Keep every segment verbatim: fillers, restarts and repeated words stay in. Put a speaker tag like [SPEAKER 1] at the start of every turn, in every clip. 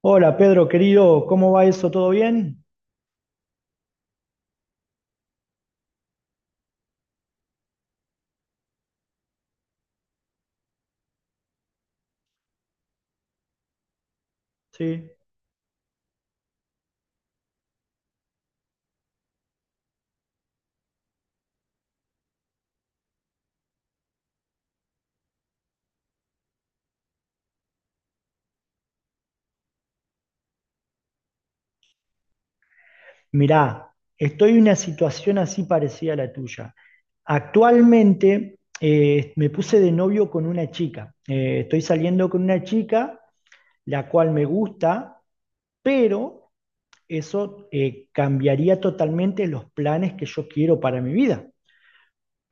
[SPEAKER 1] Hola Pedro, querido, ¿cómo va eso? ¿Todo bien? Sí. Mirá, estoy en una situación así parecida a la tuya. Actualmente eh, me puse de novio con una chica. Eh, estoy saliendo con una chica, la cual me gusta, pero eso eh, cambiaría totalmente los planes que yo quiero para mi vida,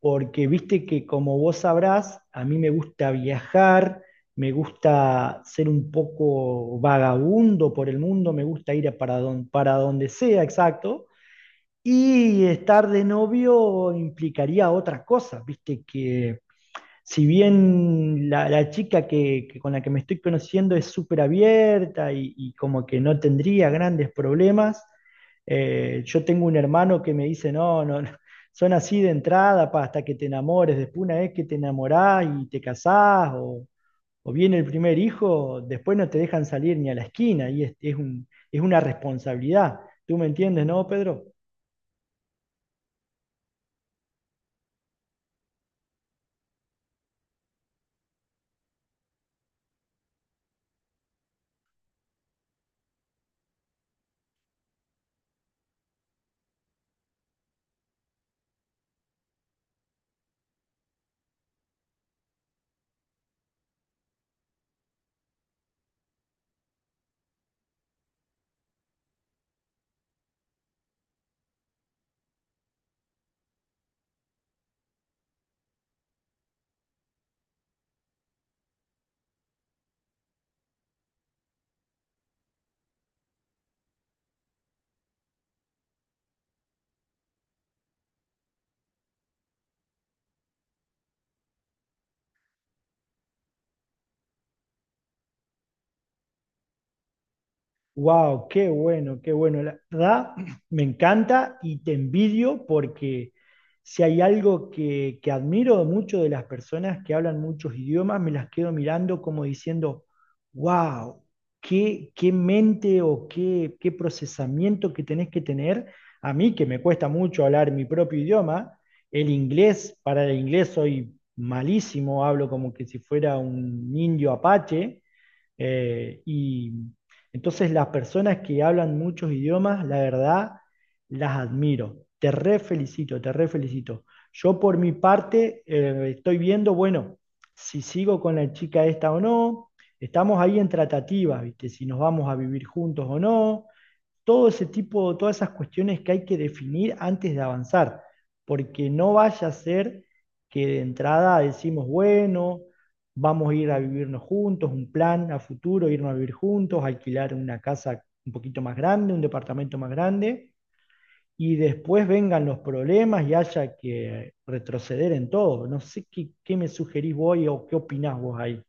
[SPEAKER 1] porque viste que como vos sabrás, a mí me gusta viajar, me gusta ser un poco vagabundo por el mundo, me gusta ir a para, don- para donde sea, exacto. Y estar de novio implicaría otras cosas, viste que si bien la, la chica que, que con la que me estoy conociendo es súper abierta y, y como que no tendría grandes problemas, eh, yo tengo un hermano que me dice, no, no, no, son así de entrada pa, hasta que te enamores, después una vez que te enamorás y te casás o, o viene el primer hijo, después no te dejan salir ni a la esquina y es, es un- es una responsabilidad. ¿Tú me entiendes, no, Pedro? Wow, qué bueno, qué bueno. La verdad, me encanta y te envidio porque si hay algo que, que admiro mucho de las personas que hablan muchos idiomas, me las quedo mirando como diciendo, wow, qué, qué mente o qué, qué procesamiento que tenés que tener. A mí que me cuesta mucho hablar mi propio idioma, el inglés, para el inglés soy malísimo, hablo como que si fuera un indio apache eh, y entonces las personas que hablan muchos idiomas, la verdad, las admiro. Te re felicito, te re felicito. Yo por mi parte eh, estoy viendo, bueno, si sigo con la chica esta o no. Estamos ahí en tratativas, ¿viste? Si nos vamos a vivir juntos o no, todo ese tipo, todas esas cuestiones que hay que definir antes de avanzar, porque no vaya a ser que de entrada decimos, bueno, vamos a ir a vivirnos juntos, un plan a futuro, irnos a vivir juntos, alquilar una casa un poquito más grande, un departamento más grande, y después vengan los problemas y haya que retroceder en todo. No sé qué, qué me sugerís vos o qué opinás vos ahí.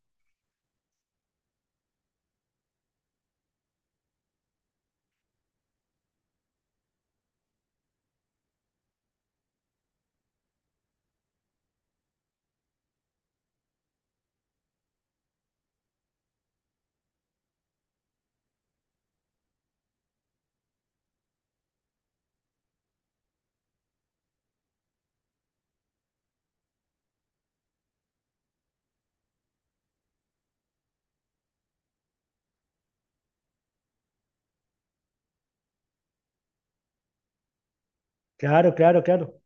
[SPEAKER 1] Claro, claro, claro.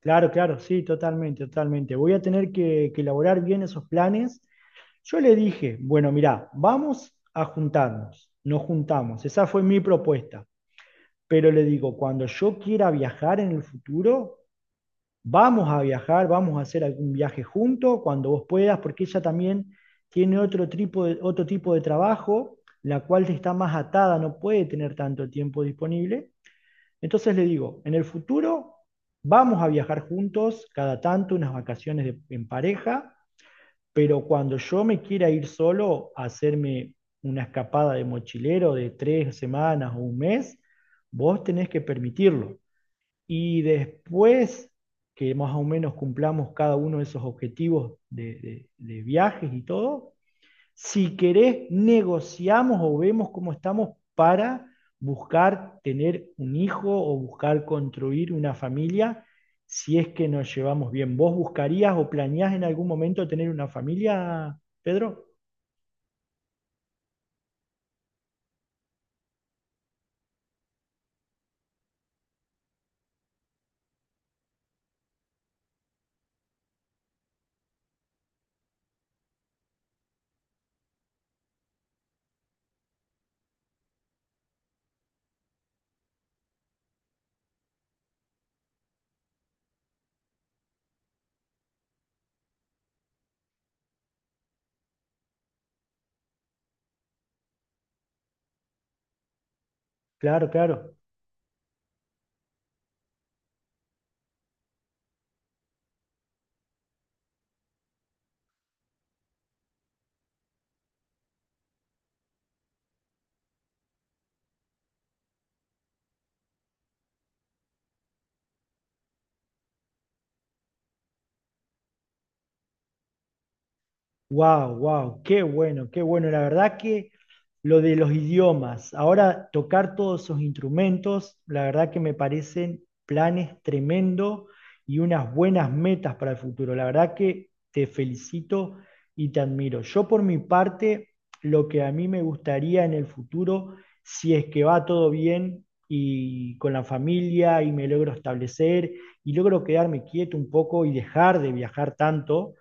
[SPEAKER 1] Claro, claro, sí, totalmente, totalmente. Voy a tener que, que elaborar bien esos planes. Yo le dije, bueno, mirá, vamos a juntarnos, nos juntamos, esa fue mi propuesta, pero le digo, cuando yo quiera viajar en el futuro, vamos a viajar, vamos a hacer algún viaje juntos, cuando vos puedas, porque ella también tiene otro tipo de, otro tipo de trabajo, la cual está más atada, no puede tener tanto tiempo disponible. Entonces le digo, en el futuro vamos a viajar juntos cada tanto, unas vacaciones de- en pareja, pero cuando yo me quiera ir solo a hacerme una escapada de mochilero de tres semanas o un mes, vos tenés que permitirlo. Y después que más o menos cumplamos cada uno de esos objetivos de, de- de viajes y todo, si querés, negociamos o vemos cómo estamos para buscar tener un hijo o buscar construir una familia, si es que nos llevamos bien. ¿Vos buscarías o planeás en algún momento tener una familia, Pedro? Claro, claro. Wow, wow, qué bueno, qué bueno. La verdad que lo de los idiomas, ahora tocar todos esos instrumentos, la verdad que me parecen planes tremendo y unas buenas metas para el futuro. La verdad que te felicito y te admiro. Yo por mi parte, lo que a mí me gustaría en el futuro, si es que va todo bien y con la familia y me logro establecer y logro quedarme quieto un poco y dejar de viajar tanto,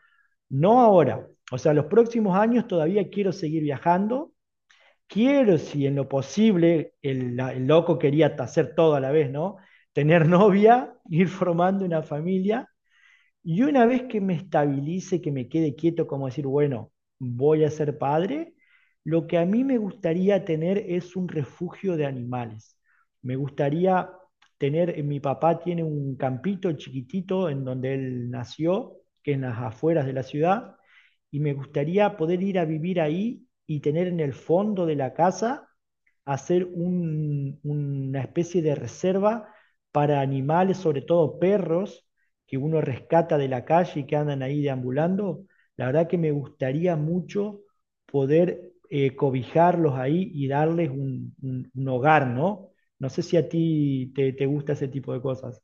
[SPEAKER 1] no ahora. O sea, los próximos años todavía quiero seguir viajando. Quiero, si en lo posible, el, la- el loco quería hacer todo a la vez, ¿no? Tener novia, ir formando una familia y una vez que me estabilice, que me quede quieto, como decir, bueno, voy a ser padre, lo que a mí me gustaría tener es un refugio de animales. Me gustaría tener, eh, mi papá tiene un campito chiquitito en donde él nació, que es en las afueras de la ciudad, y me gustaría poder ir a vivir ahí y tener en el fondo de la casa, hacer un- una especie de reserva para animales, sobre todo perros, que uno rescata de la calle y que andan ahí deambulando. La verdad que me gustaría mucho poder eh, cobijarlos ahí y darles un, un- un hogar, ¿no? No sé si a ti te te gusta ese tipo de cosas.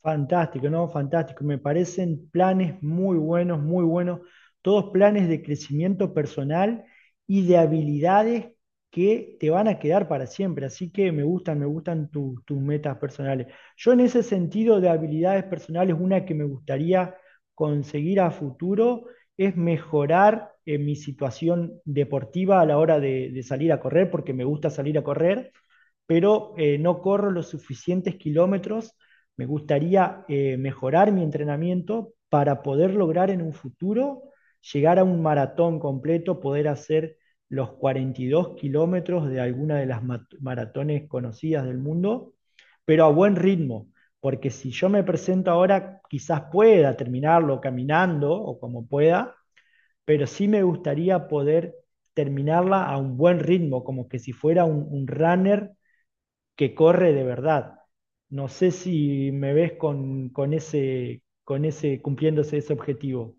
[SPEAKER 1] Fantástico, ¿no? Fantástico. Me parecen planes muy buenos, muy buenos. Todos planes de crecimiento personal y de habilidades que te van a quedar para siempre. Así que me gustan, me gustan tu- tus metas personales. Yo en ese sentido de habilidades personales, una que me gustaría conseguir a futuro es mejorar eh, mi situación deportiva a la hora de de salir a correr, porque me gusta salir a correr, pero eh, no corro los suficientes kilómetros. Me gustaría eh, mejorar mi entrenamiento para poder lograr en un futuro llegar a un maratón completo, poder hacer los cuarenta y dos kilómetros de alguna de las maratones conocidas del mundo, pero a buen ritmo, porque si yo me presento ahora, quizás pueda terminarlo caminando o como pueda, pero sí me gustaría poder terminarla a un buen ritmo, como que si fuera un, un runner que corre de verdad. No sé si me ves con, con ese, con ese, cumpliéndose ese objetivo.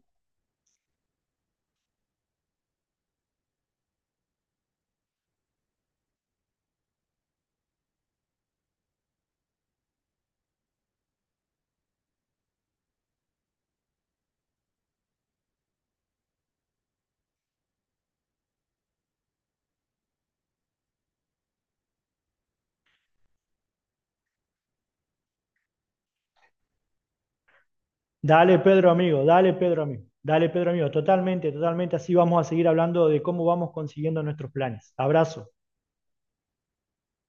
[SPEAKER 1] Dale, Pedro, amigo, dale, Pedro, amigo. Dale, Pedro, amigo, totalmente, totalmente. Así vamos a seguir hablando de cómo vamos consiguiendo nuestros planes. Abrazo.